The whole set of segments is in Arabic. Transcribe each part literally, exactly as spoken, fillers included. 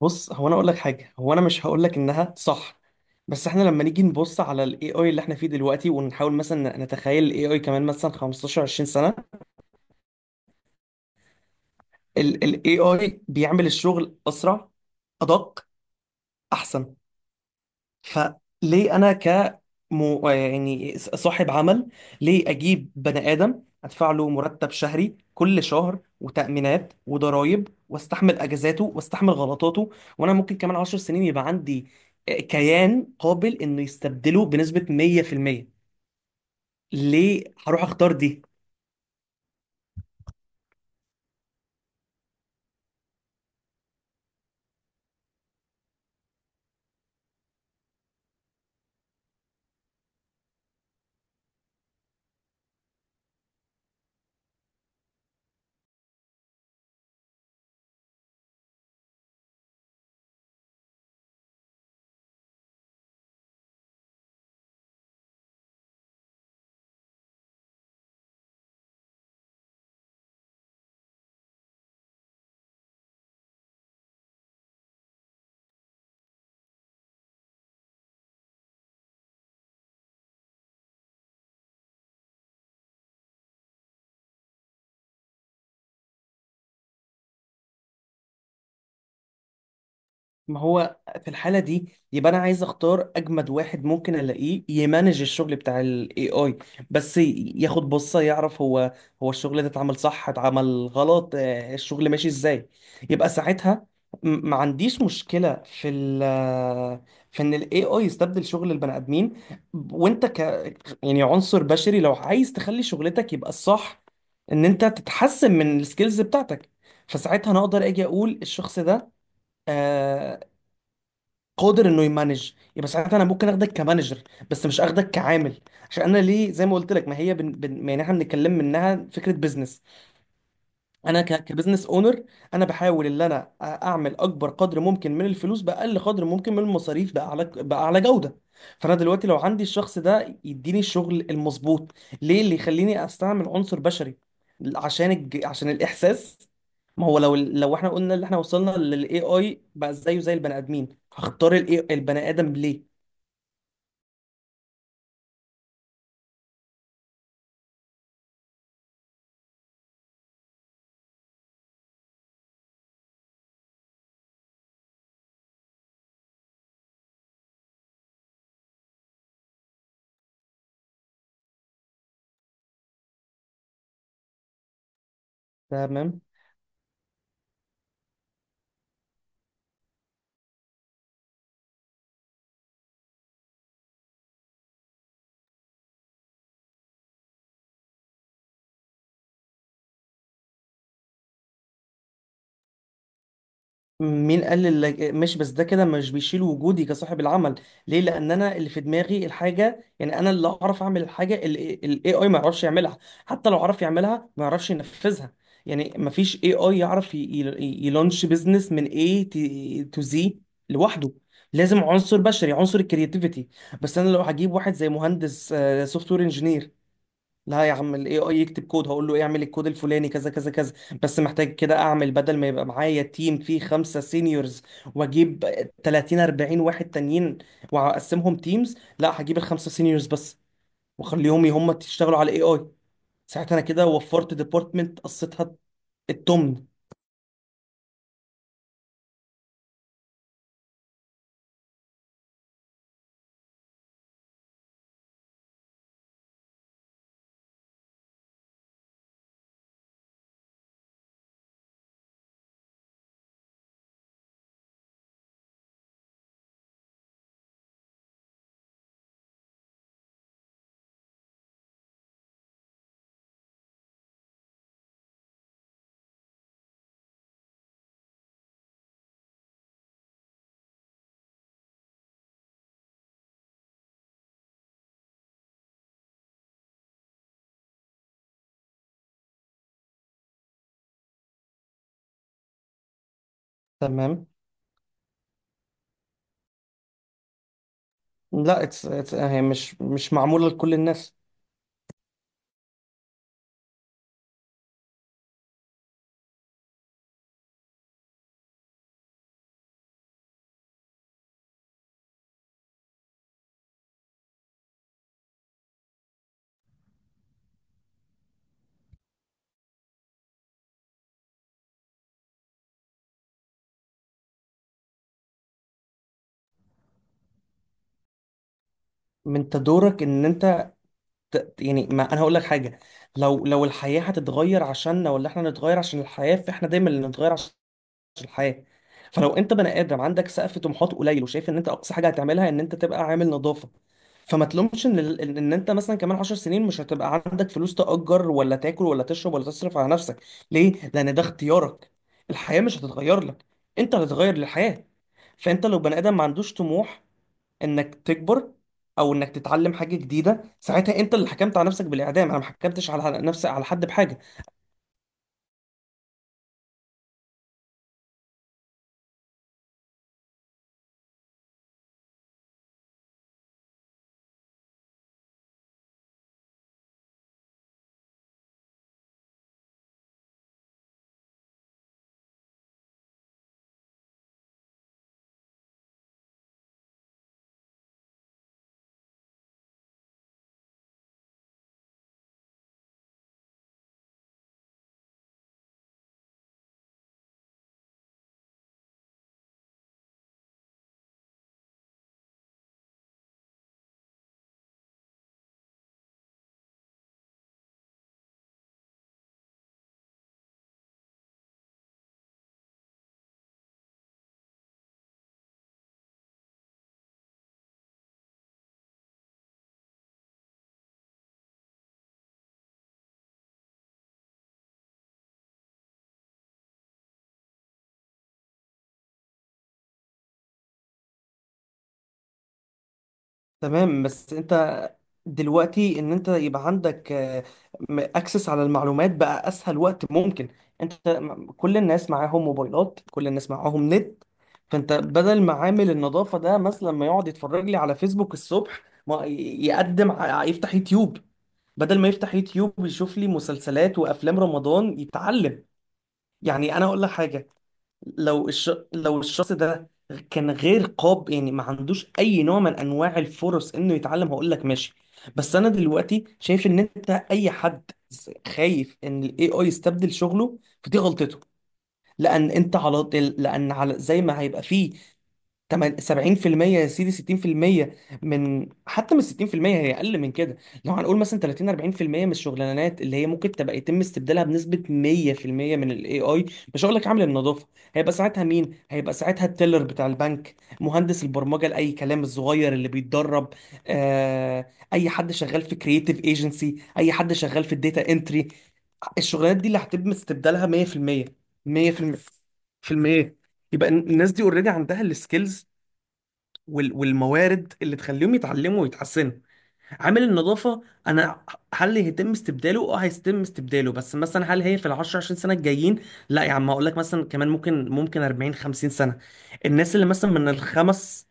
بص، هو انا اقول لك حاجه. هو انا مش هقول لك انها صح. بس احنا لما نيجي نبص على الاي اي اللي احنا فيه دلوقتي ونحاول مثلا نتخيل الاي اي كمان مثلا خمستاشر عشرين سنه، الاي اي بيعمل الشغل اسرع، ادق، احسن. فليه انا ك مو- يعني صاحب عمل؟ ليه اجيب بني ادم ادفع له مرتب شهري كل شهر وتأمينات وضرائب واستحمل اجازاته واستحمل غلطاته، وانا ممكن كمان عشر سنين يبقى عندي كيان قابل انه يستبدله بنسبة مية في المية؟ ليه هروح اختار دي؟ ما هو في الحالة دي يبقى أنا عايز أختار أجمد واحد ممكن ألاقيه يمانج الشغل بتاع ال اي اي، بس ياخد بصة يعرف هو هو الشغل ده اتعمل صح اتعمل غلط، آه، الشغل ماشي إزاي. يبقى ساعتها م- ما عنديش مشكلة في ال، في إن ال اي اي يستبدل شغل البني آدمين. وأنت ك يعني عنصر بشري لو عايز تخلي شغلتك يبقى الصح إن أنت تتحسن من السكيلز بتاعتك. فساعتها أنا أقدر أجي أقول الشخص ده آه، قادر انه يمانج، يبقى ساعتها انا ممكن اخدك كمانجر بس مش اخدك كعامل. عشان انا ليه زي ما قلت لك، ما هي بن... بن... ما يعني احنا بنتكلم منها فكره بزنس. انا ك- كبزنس اونر، انا بحاول ان انا أ- اعمل اكبر قدر ممكن من الفلوس باقل قدر ممكن من المصاريف باعلى باعلى جوده. فانا دلوقتي لو عندي الشخص ده يديني الشغل المظبوط، ليه اللي يخليني استعمل عنصر بشري؟ عشان الج... عشان الاحساس؟ ما هو لو لو احنا قلنا اللي احنا وصلنا للاي اي بقى زيه زي البني ادمين، هختار الاي البني ادم ليه؟ تمام. مين قال اللي ماشي؟ بس ده كده مش بيشيل وجودي كصاحب العمل. ليه؟ لان انا اللي في دماغي الحاجه، يعني انا اللي اعرف اعمل الحاجه الاي اي ما يعرفش يعملها، حتى لو عرف يعملها ما يعرفش ينفذها. يعني ما فيش اي اي يعرف ي- ي- يلونش بزنس من اي تو زي لوحده. لازم عنصر بشري، عنصر الكرياتيفيتي. بس انا لو هجيب واحد زي مهندس سوفت وير انجينير، لا يا عم الاي اي يكتب كود، هقول له اعمل الكود الفلاني كذا كذا كذا. بس محتاج كده اعمل بدل ما يبقى معايا تيم فيه خمسة سينيورز واجيب تلاتين اربعين واحد تانيين واقسمهم تيمز، لا هجيب الخمسة سينيورز بس واخليهم هم يشتغلوا على الاي اي. ساعتها انا كده وفرت ديبارتمنت قصتها التمن. تمام. لا، it's, it's, هي مش مش معمولة لكل الناس. من انت دورك ان انت ت- يعني ما انا هقول لك حاجه. لو لو الحياه هتتغير عشاننا ولا احنا نتغير عشان الحياه، فاحنا دايما اللي نتغير عشان الحياه. فلو انت بني ادم عندك سقف طموحات قليل وشايف ان انت اقصى حاجه هتعملها ان انت تبقى عامل نظافه، فما تلومش ان ال- ان إن انت مثلا كمان عشر سنين مش هتبقى عندك فلوس تأجر ولا تاكل ولا تشرب ولا تصرف على نفسك. ليه؟ لان ده اختيارك، الحياه مش هتتغير لك، انت اللي هتتغير للحياه. فانت لو بني ادم ما عندوش طموح انك تكبر او انك تتعلم حاجه جديده، ساعتها انت اللي حكمت على نفسك بالاعدام. انا ما حكمتش على على نفسي على حد بحاجه. تمام. بس انت دلوقتي ان انت يبقى عندك اكسس على المعلومات بقى اسهل وقت ممكن. انت م- كل الناس معاهم موبايلات، كل الناس معاهم نت. فانت بدل ما عامل النظافه ده مثلا ما يقعد يتفرج لي على فيسبوك الصبح، ما ي- يقدم ع- يفتح يوتيوب. بدل ما يفتح يوتيوب ويشوف لي مسلسلات وافلام رمضان، يتعلم. يعني انا اقول لك حاجه، لو الش... لو الشخص ده كان غير قاب، يعني ما عندوش اي نوع من انواع الفرص انه يتعلم، هقول لك ماشي. بس انا دلوقتي شايف ان انت اي حد خايف ان الاي اي يستبدل شغله فدي غلطته. لان انت على، لان على زي ما هيبقى فيه تمن- سبعين في المية يا سيدي ستين في المية، من حتى من ستين في المية هي اقل من كده. لو هنقول مثلا تلاتين اربعين في المية من الشغلانات اللي هي ممكن تبقى يتم استبدالها بنسبه مية في المية من الاي اي، مش هقول لك عامل النظافه. هيبقى ساعتها مين؟ هيبقى ساعتها التيلر بتاع البنك، مهندس البرمجه لاي كلام الصغير اللي بيتدرب، آه، اي حد شغال في كرييتيف ايجنسي، اي حد شغال في الداتا انتري. الشغلانات دي اللي هتتم استبدالها مية في المية، مية في المية في المية، في المية. يبقى الناس دي اوريدي عندها السكيلز وال- والموارد اللي تخليهم يتعلموا ويتحسنوا. عامل النظافة، أنا هل يتم استبداله؟ أه هيتم استبداله، بس مثلا هل هي في العشر عشرين سنة الجايين؟ لا يا عم هقول لك مثلا كمان ممكن ممكن اربعين خمسين سنة. الناس اللي مثلا من الخمس،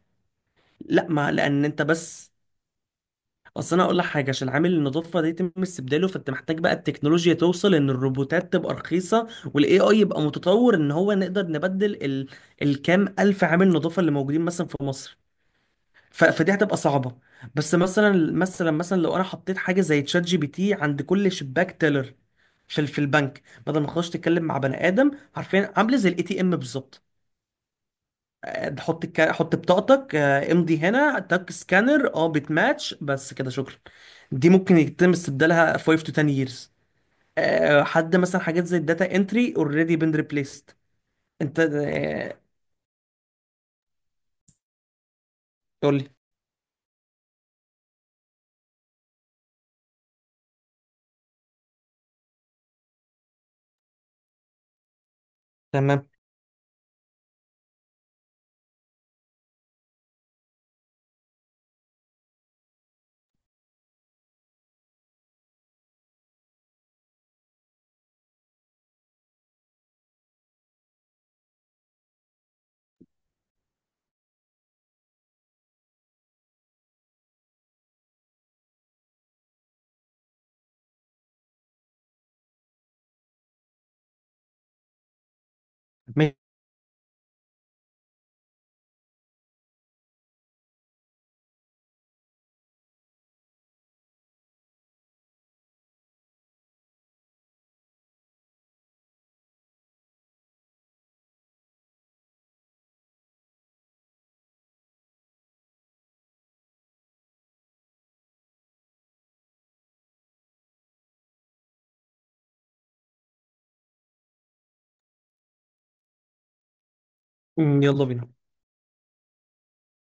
لا. ما لأن أنت بس، أصل أنا هقول لك حاجة. عشان عامل النظافة ده يتم استبداله، فأنت محتاج بقى التكنولوجيا توصل إن الروبوتات تبقى رخيصة والاي اي يبقى متطور ان هو نقدر نبدل ال... الكام الف عامل نظافة اللي موجودين مثلا في مصر. ف... فدي هتبقى صعبه. بس مثلا مثلا مثلا لو انا حطيت حاجه زي تشات جي بي تي عند كل شباك تيلر في ال- في البنك، بدل ما تخش تتكلم مع بني ادم، عارفين، عامله زي الاي تي ام بالظبط. آه، حط الك... حط بطاقتك، آه، امضي هنا، تك سكانر، اه بتماتش، بس كده شكرا. دي ممكن يتم استبدالها فايف to تن years. آه، حد مثلا حاجات زي الداتا انتري اوريدي بين ريبليست. انت آه، قول لي. تمام. ماشي. مم، يلا بينا.